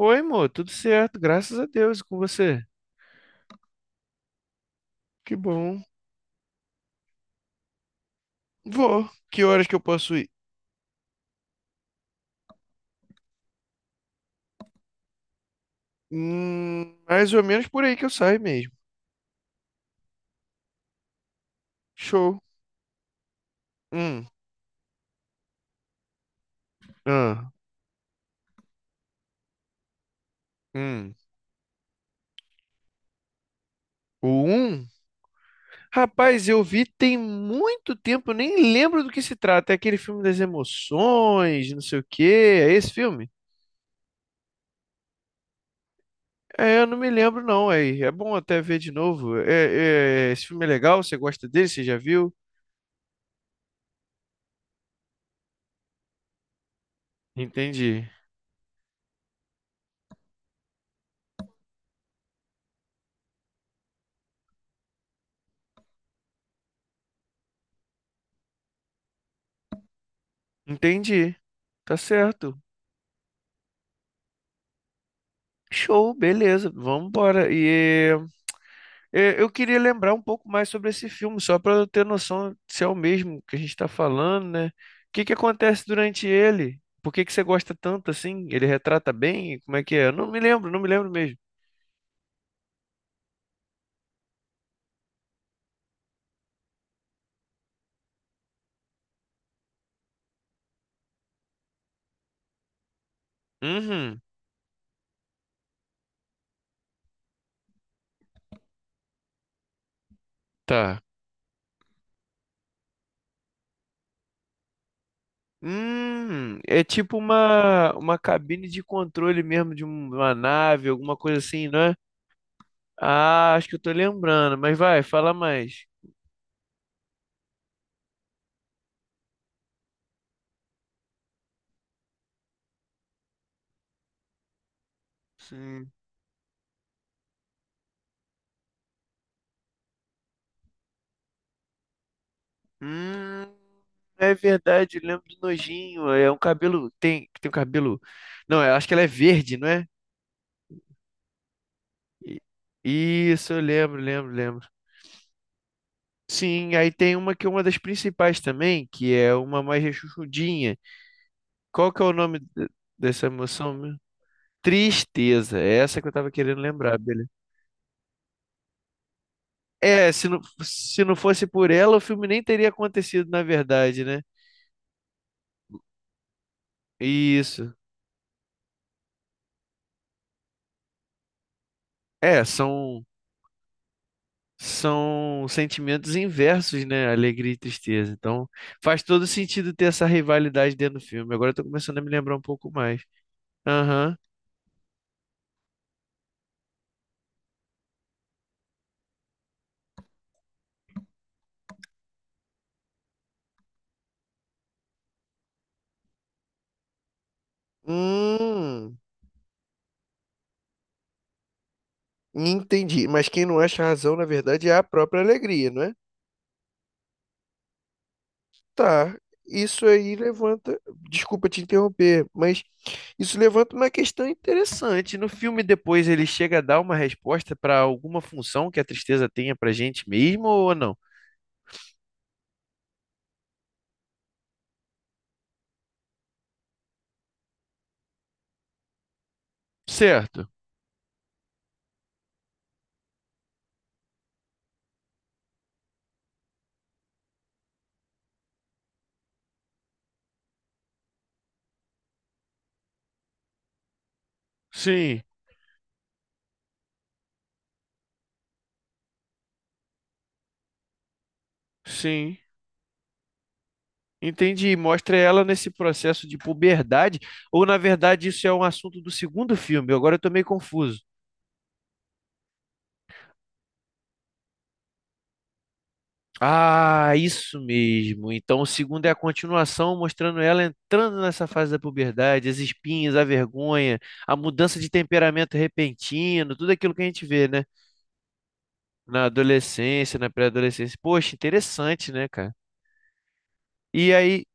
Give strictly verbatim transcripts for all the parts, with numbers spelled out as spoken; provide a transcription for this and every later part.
Oi, amor, tudo certo, graças a Deus, e com você? Que bom. Vou. Que horas que eu posso ir? Hum, mais ou menos por aí que eu saio mesmo. Show. Hum, ah, hum. O um? Rapaz, eu vi tem muito tempo, eu nem lembro do que se trata. É aquele filme das emoções, não sei o quê. É esse filme? É, eu não me lembro não, é, é bom até ver de novo. É, é, esse filme é legal, você gosta dele, você já viu? Entendi. Entendi. Tá certo. Show, beleza, vamos embora. E é, eu queria lembrar um pouco mais sobre esse filme, só para eu ter noção se é o mesmo que a gente está falando, né? O que que acontece durante ele? Por que que você gosta tanto assim? Ele retrata bem? Como é que é? Eu não me lembro, não me lembro mesmo. Uhum, tá. Hum, é tipo uma, uma cabine de controle mesmo de um- uma nave, alguma coisa assim, não é? Ah, acho que eu tô lembrando, mas vai, fala mais. Hum, é verdade, eu lembro do nojinho. É um cabelo. Tem, tem um cabelo. Não, eu acho que ela é verde, não é? I- Isso, eu lembro, lembro, lembro. Sim, aí tem uma que é uma das principais também, que é uma mais rechonchudinha. Qual que é o nome de- dessa emoção mesmo? Tristeza. É essa que eu tava querendo lembrar, beleza. É, se não, se não fosse por ela, o filme nem teria acontecido, na verdade, né? Isso. É, são. são sentimentos inversos, né? Alegria e tristeza. Então, faz todo sentido ter essa rivalidade dentro do filme. Agora eu tô começando a me lembrar um pouco mais. Aham. Hum, Entendi. Mas quem não acha razão, na verdade, é a própria alegria, não é? Tá. Isso aí levanta. Desculpa te interromper, mas isso levanta uma questão interessante. No filme, depois ele chega a dar uma resposta para alguma função que a tristeza tenha pra gente mesmo ou não? Certo. Sim, sim. Entendi. Mostra ela nesse processo de puberdade, ou na verdade isso é um assunto do segundo filme? Agora eu tô meio confuso. Ah, isso mesmo. Então o segundo é a continuação, mostrando ela entrando nessa fase da puberdade, as espinhas, a vergonha, a mudança de temperamento repentino, tudo aquilo que a gente vê, né? Na adolescência, na pré-adolescência. Poxa, interessante, né, cara? E aí.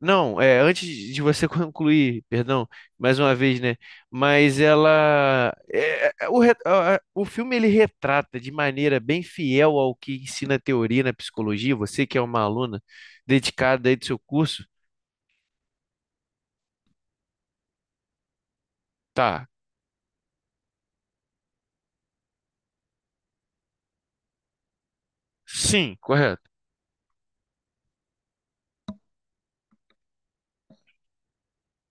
Não, é, antes de você concluir, perdão, mais uma vez, né? Mas ela, é, é, o, re- a- a- o filme ele retrata de maneira bem fiel ao que ensina a teoria na psicologia. Você que é uma aluna dedicada aí do seu curso, tá? Sim, correto.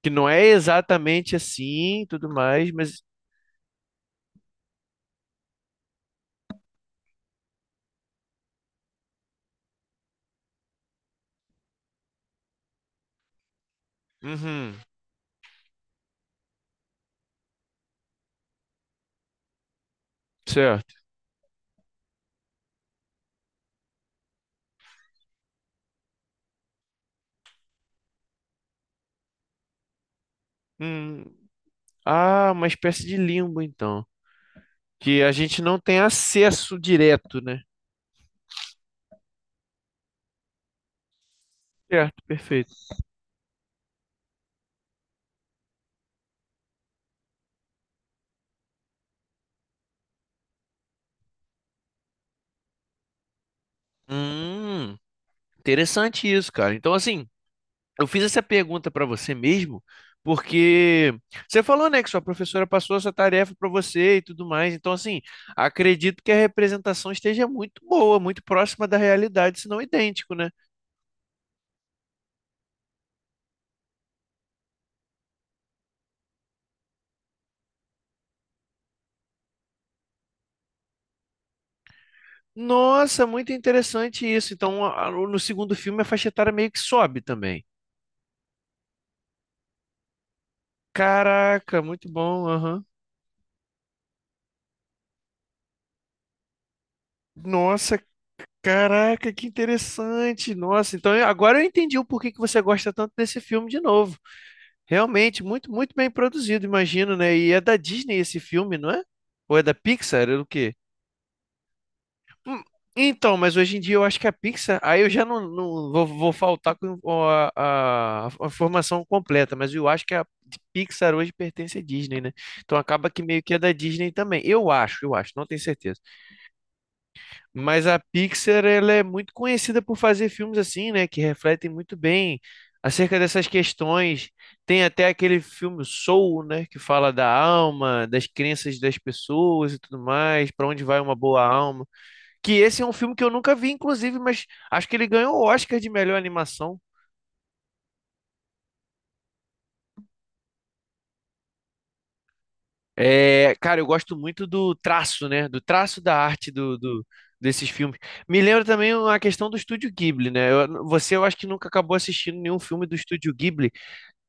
Que não é exatamente assim, tudo mais, mas. Uhum, certo. Hum, ah, uma espécie de limbo, então, que a gente não tem acesso direto, né? Certo, perfeito. Hum. Interessante isso, cara. Então, assim, eu fiz essa pergunta para você mesmo, porque você falou, né, que sua professora passou essa tarefa para você e tudo mais. Então, assim, acredito que a representação esteja muito boa, muito próxima da realidade, se não idêntico, né? Nossa, muito interessante isso. Então, a- a- no segundo filme, a faixa etária meio que sobe também. Caraca, muito bom. Aham. Nossa, caraca, que interessante. Nossa, então eu- agora eu entendi o porquê que você gosta tanto desse filme de novo. Realmente, muito, muito bem produzido, imagino, né? E é da Disney esse filme, não é? Ou é da Pixar? É o quê? Hum, Então, mas hoje em dia eu acho que a Pixar. Aí eu já não, não vou, vou faltar com a, a, a formação completa, mas eu acho que a Pixar hoje pertence à Disney, né? Então acaba que meio que é da Disney também. Eu acho, eu acho, não tenho certeza. Mas a Pixar, ela é muito conhecida por fazer filmes assim, né? Que refletem muito bem acerca dessas questões. Tem até aquele filme Soul, né? Que fala da alma, das crenças das pessoas e tudo mais, para onde vai uma boa alma. Que esse é um filme que eu nunca vi, inclusive, mas acho que ele ganhou o Oscar de melhor animação. É, cara, eu gosto muito do traço, né? Do traço da arte do, do- desses filmes. Me lembra também a questão do Estúdio Ghibli, né? Eu- você, eu acho que nunca acabou assistindo nenhum filme do Estúdio Ghibli.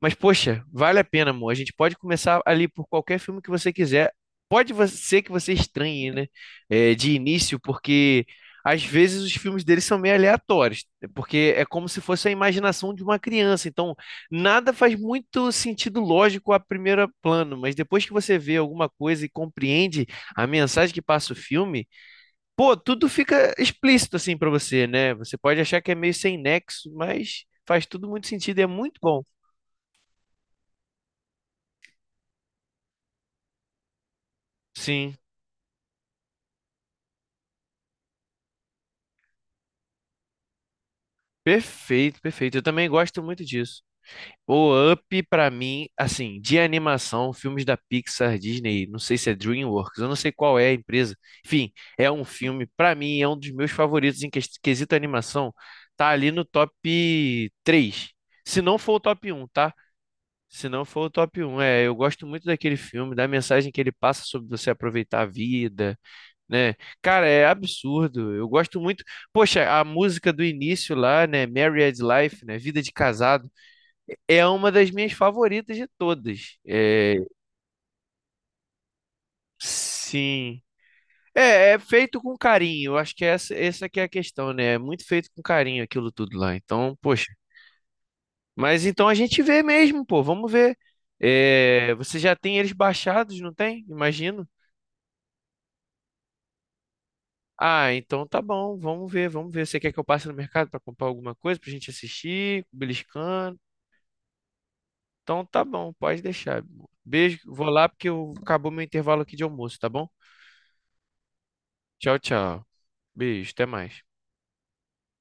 Mas, poxa, vale a pena, amor. A gente pode começar ali por qualquer filme que você quiser. Pode vo- ser que você estranhe, né? é, de início, porque às vezes os filmes deles são meio aleatórios, porque é como se fosse a imaginação de uma criança. Então, nada faz muito sentido lógico a primeiro plano, mas depois que você vê alguma coisa e compreende a mensagem que passa o filme, pô, tudo fica explícito assim pra você, né? Você pode achar que é meio sem nexo, mas faz tudo muito sentido e é muito bom. Sim. Perfeito, perfeito. Eu também gosto muito disso. O Up, pra mim, assim, de animação, filmes da Pixar, Disney, não sei se é DreamWorks, eu não sei qual é a empresa. Enfim, é um filme, pra mim, é um dos meus favoritos em ques- quesito animação. Tá ali no top três. Se não for o top um, tá? Se não for o top um, é, eu gosto muito daquele filme, da mensagem que ele passa sobre você aproveitar a vida, né? Cara, é absurdo. Eu gosto muito. Poxa, a música do início lá, né? Married Life, né? Vida de Casado, é uma das minhas favoritas de todas. É, sim. É, é feito com carinho. Eu acho que é essa, essa que é a questão, né? É muito feito com carinho aquilo tudo lá. Então, poxa. Mas então a gente vê mesmo, pô. Vamos ver. É, você já tem eles baixados, não tem? Imagino. Ah, então tá bom, vamos ver, vamos ver. Você quer que eu passe no mercado para comprar alguma coisa pra gente assistir, beliscando? Então tá bom, pode deixar, meu amor. Beijo, vou lá porque eu- acabou meu intervalo aqui de almoço, tá bom? Tchau, tchau. Beijo, até mais.